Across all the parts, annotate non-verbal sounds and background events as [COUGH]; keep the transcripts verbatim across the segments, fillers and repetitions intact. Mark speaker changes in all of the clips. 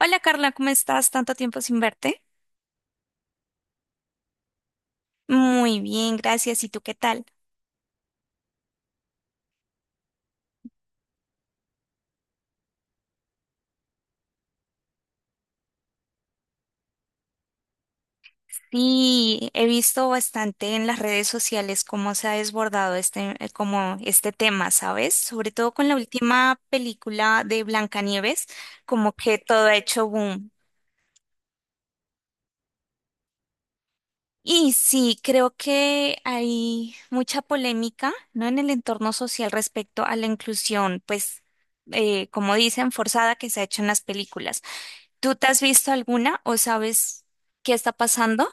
Speaker 1: Hola Carla, ¿cómo estás? Tanto tiempo sin verte. Muy bien, gracias. ¿Y tú qué tal? Sí, he visto bastante en las redes sociales cómo se ha desbordado este, eh, como este tema, ¿sabes? Sobre todo con la última película de Blancanieves, como que todo ha hecho boom. Y sí, creo que hay mucha polémica, ¿no? En el entorno social respecto a la inclusión, pues, eh, como dicen, forzada que se ha hecho en las películas. ¿Tú te has visto alguna o sabes qué está pasando?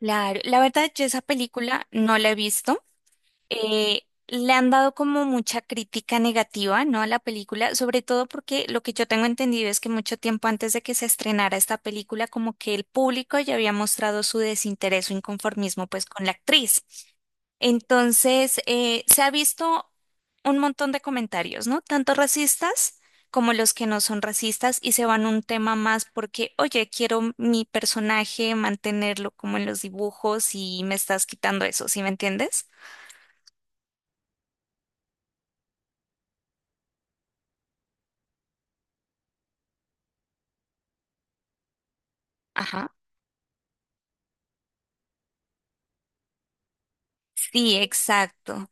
Speaker 1: Claro, la verdad yo esa película no la he visto. eh, Le han dado como mucha crítica negativa, ¿no? A la película, sobre todo porque lo que yo tengo entendido es que mucho tiempo antes de que se estrenara esta película, como que el público ya había mostrado su desinterés o inconformismo pues con la actriz. Entonces, eh, se ha visto un montón de comentarios, ¿no? Tanto racistas como los que no son racistas y se van un tema más porque, oye, quiero mi personaje mantenerlo como en los dibujos y me estás quitando eso, ¿sí me entiendes? Ajá. Sí, exacto.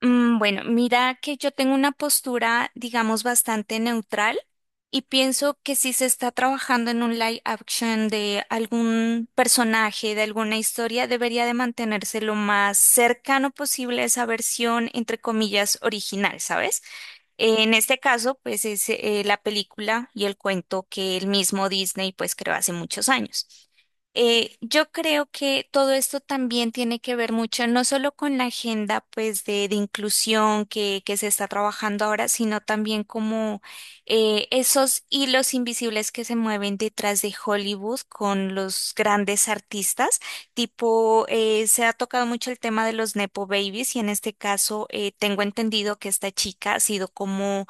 Speaker 1: Mm, Bueno, mira que yo tengo una postura, digamos, bastante neutral y pienso que si se está trabajando en un live action de algún personaje, de alguna historia, debería de mantenerse lo más cercano posible a esa versión, entre comillas, original, ¿sabes? En este caso, pues es eh, la película y el cuento que el mismo Disney pues creó hace muchos años. Eh, yo creo que todo esto también tiene que ver mucho, no solo con la agenda pues de, de inclusión que, que se está trabajando ahora, sino también como eh, esos hilos invisibles que se mueven detrás de Hollywood con los grandes artistas. Tipo, eh, se ha tocado mucho el tema de los Nepo Babies y en este caso eh, tengo entendido que esta chica ha sido como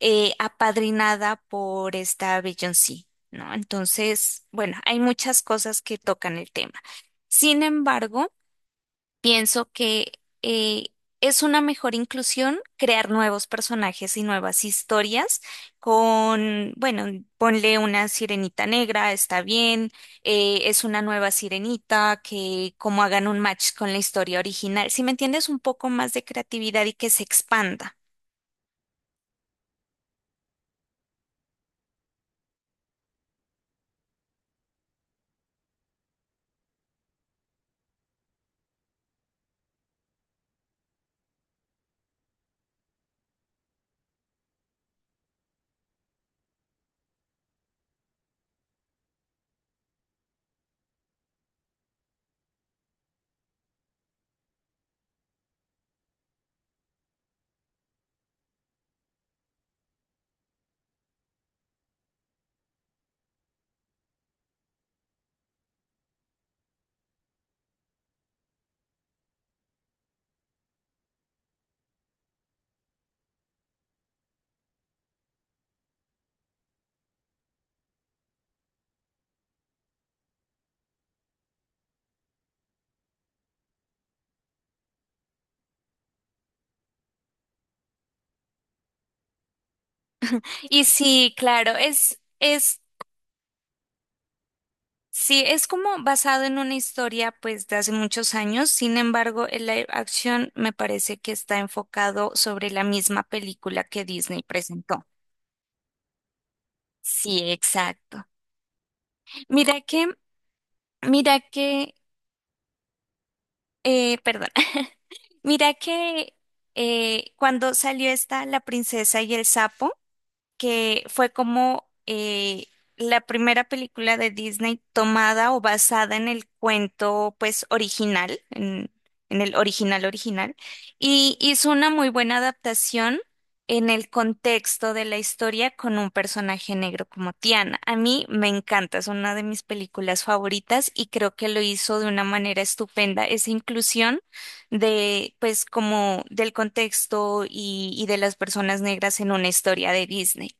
Speaker 1: eh, apadrinada por esta Beyoncé, ¿no? Entonces, bueno, hay muchas cosas que tocan el tema. Sin embargo, pienso que eh, es una mejor inclusión crear nuevos personajes y nuevas historias con, bueno, ponle una sirenita negra, está bien, eh, es una nueva sirenita que como hagan un match con la historia original, si me entiendes, un poco más de creatividad y que se expanda. Y sí, claro, es... es Sí, es como basado en una historia pues de hace muchos años, sin embargo, el live action me parece que está enfocado sobre la misma película que Disney presentó. Sí, exacto. Mira que, mira que, eh, perdón, [LAUGHS] mira que eh, cuando salió esta La princesa y el sapo, que fue como eh, la primera película de Disney tomada o basada en el cuento, pues, original, en, en el original original, y hizo una muy buena adaptación en el contexto de la historia con un personaje negro como Tiana. A mí me encanta, es una de mis películas favoritas y creo que lo hizo de una manera estupenda esa inclusión de, pues, como del contexto y, y de las personas negras en una historia de Disney.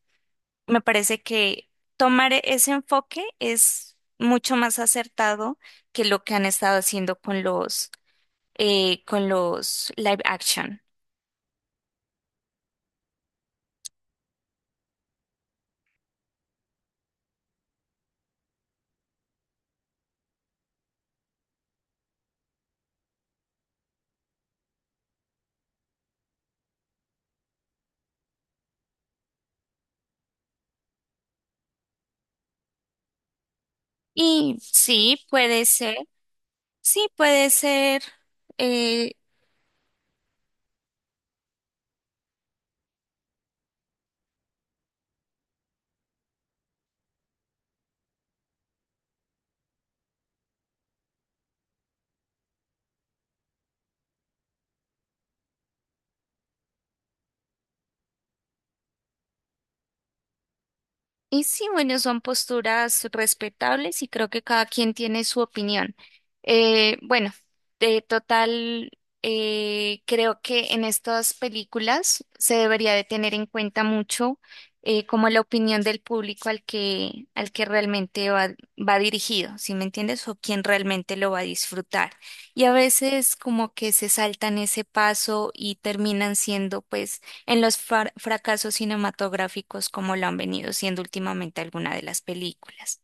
Speaker 1: Me parece que tomar e-, ese enfoque es mucho más acertado que lo que han estado haciendo con los, eh, con los live action. Y sí, puede ser, sí, puede ser eh, y sí, bueno, son posturas respetables y creo que cada quien tiene su opinión. Eh, bueno, de total, eh, creo que en estas películas se debería de tener en cuenta mucho eh, como la opinión del público al que, al que realmente va, va dirigido, ¿sí me entiendes? O quien realmente lo va a disfrutar. Y a veces como que se saltan ese paso y terminan siendo pues en los far- fracasos cinematográficos como lo han venido siendo últimamente alguna de las películas.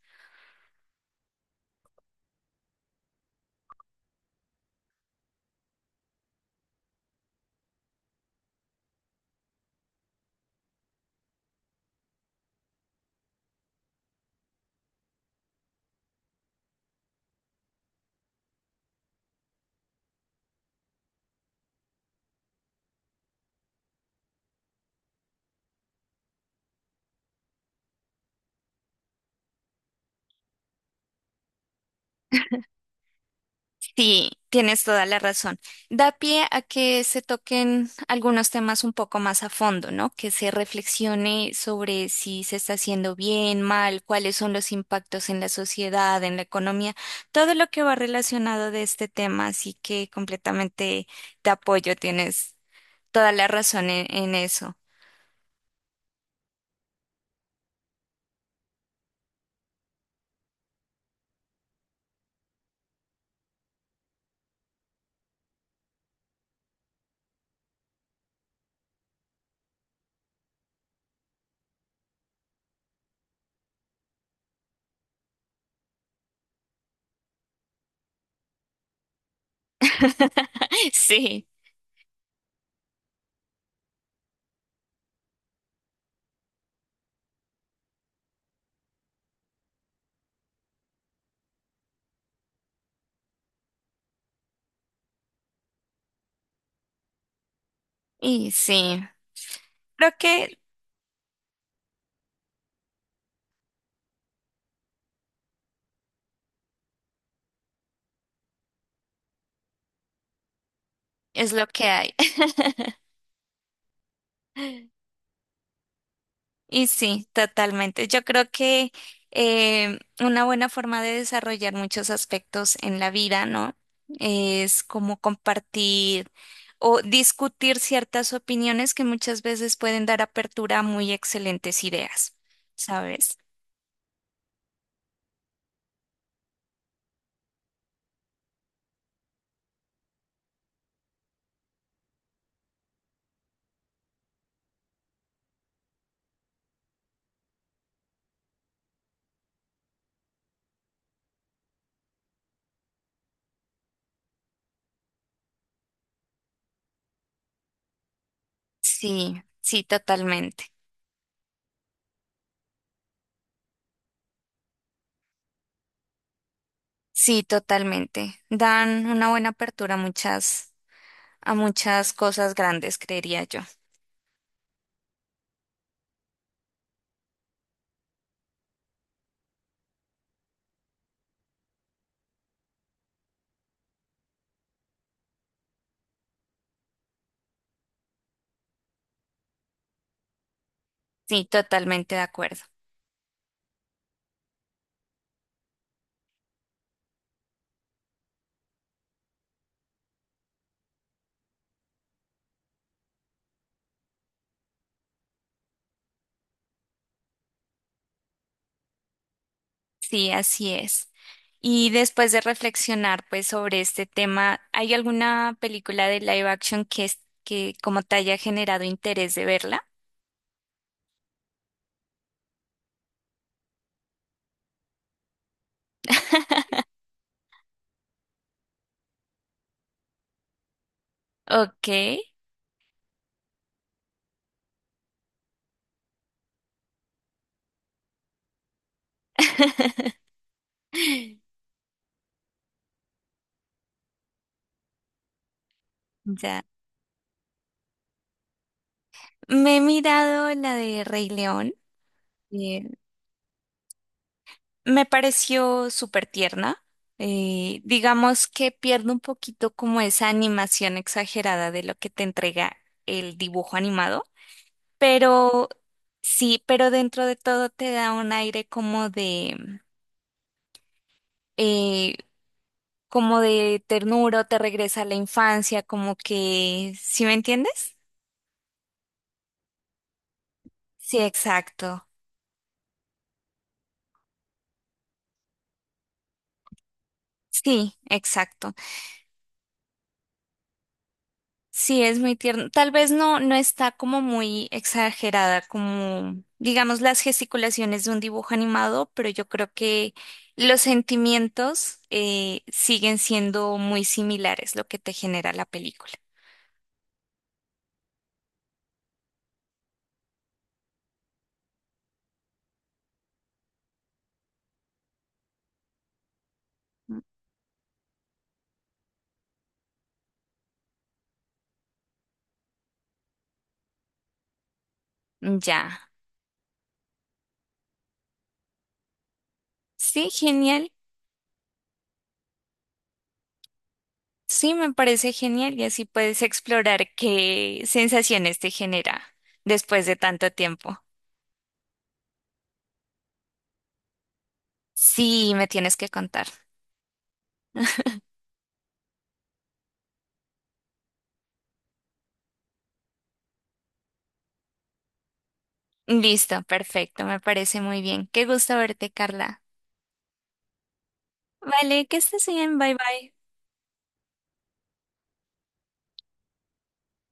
Speaker 1: Sí, tienes toda la razón. Da pie a que se toquen algunos temas un poco más a fondo, ¿no? Que se reflexione sobre si se está haciendo bien, mal, cuáles son los impactos en la sociedad, en la economía, todo lo que va relacionado de este tema. Así que completamente te apoyo, tienes toda la razón en, en eso. [LAUGHS] Sí, y sí, creo que es lo que hay. [LAUGHS] Y sí, totalmente. Yo creo que eh, una buena forma de desarrollar muchos aspectos en la vida, ¿no? Es como compartir o discutir ciertas opiniones que muchas veces pueden dar apertura a muy excelentes ideas, ¿sabes? Sí, sí, totalmente. Sí, totalmente. Dan una buena apertura a muchas, a muchas cosas grandes, creería yo. Sí, totalmente de acuerdo. Sí, así es. Y después de reflexionar pues sobre este tema, ¿hay alguna película de live action que es- que como te haya generado interés de verla? [LAUGHS] Ok. [LAUGHS] Ya. Me he mirado la de Rey León. eh, Me pareció súper tierna. Eh, digamos que pierde un poquito como esa animación exagerada de lo que te entrega el dibujo animado. Pero sí, pero dentro de todo te da un aire como de, eh, como de ternura, o te regresa a la infancia, como que, ¿sí me entiendes? Sí, exacto. Sí, exacto. Sí, es muy tierno. Tal vez no, no está como muy exagerada, como digamos las gesticulaciones de un dibujo animado, pero yo creo que los sentimientos eh, siguen siendo muy similares lo que te genera la película. Ya. Sí, genial. Sí, me parece genial y así puedes explorar qué sensaciones te genera después de tanto tiempo. Sí, me tienes que contar. Listo, perfecto, me parece muy bien. Qué gusto verte, Carla. Vale, que estés bien, bye bye.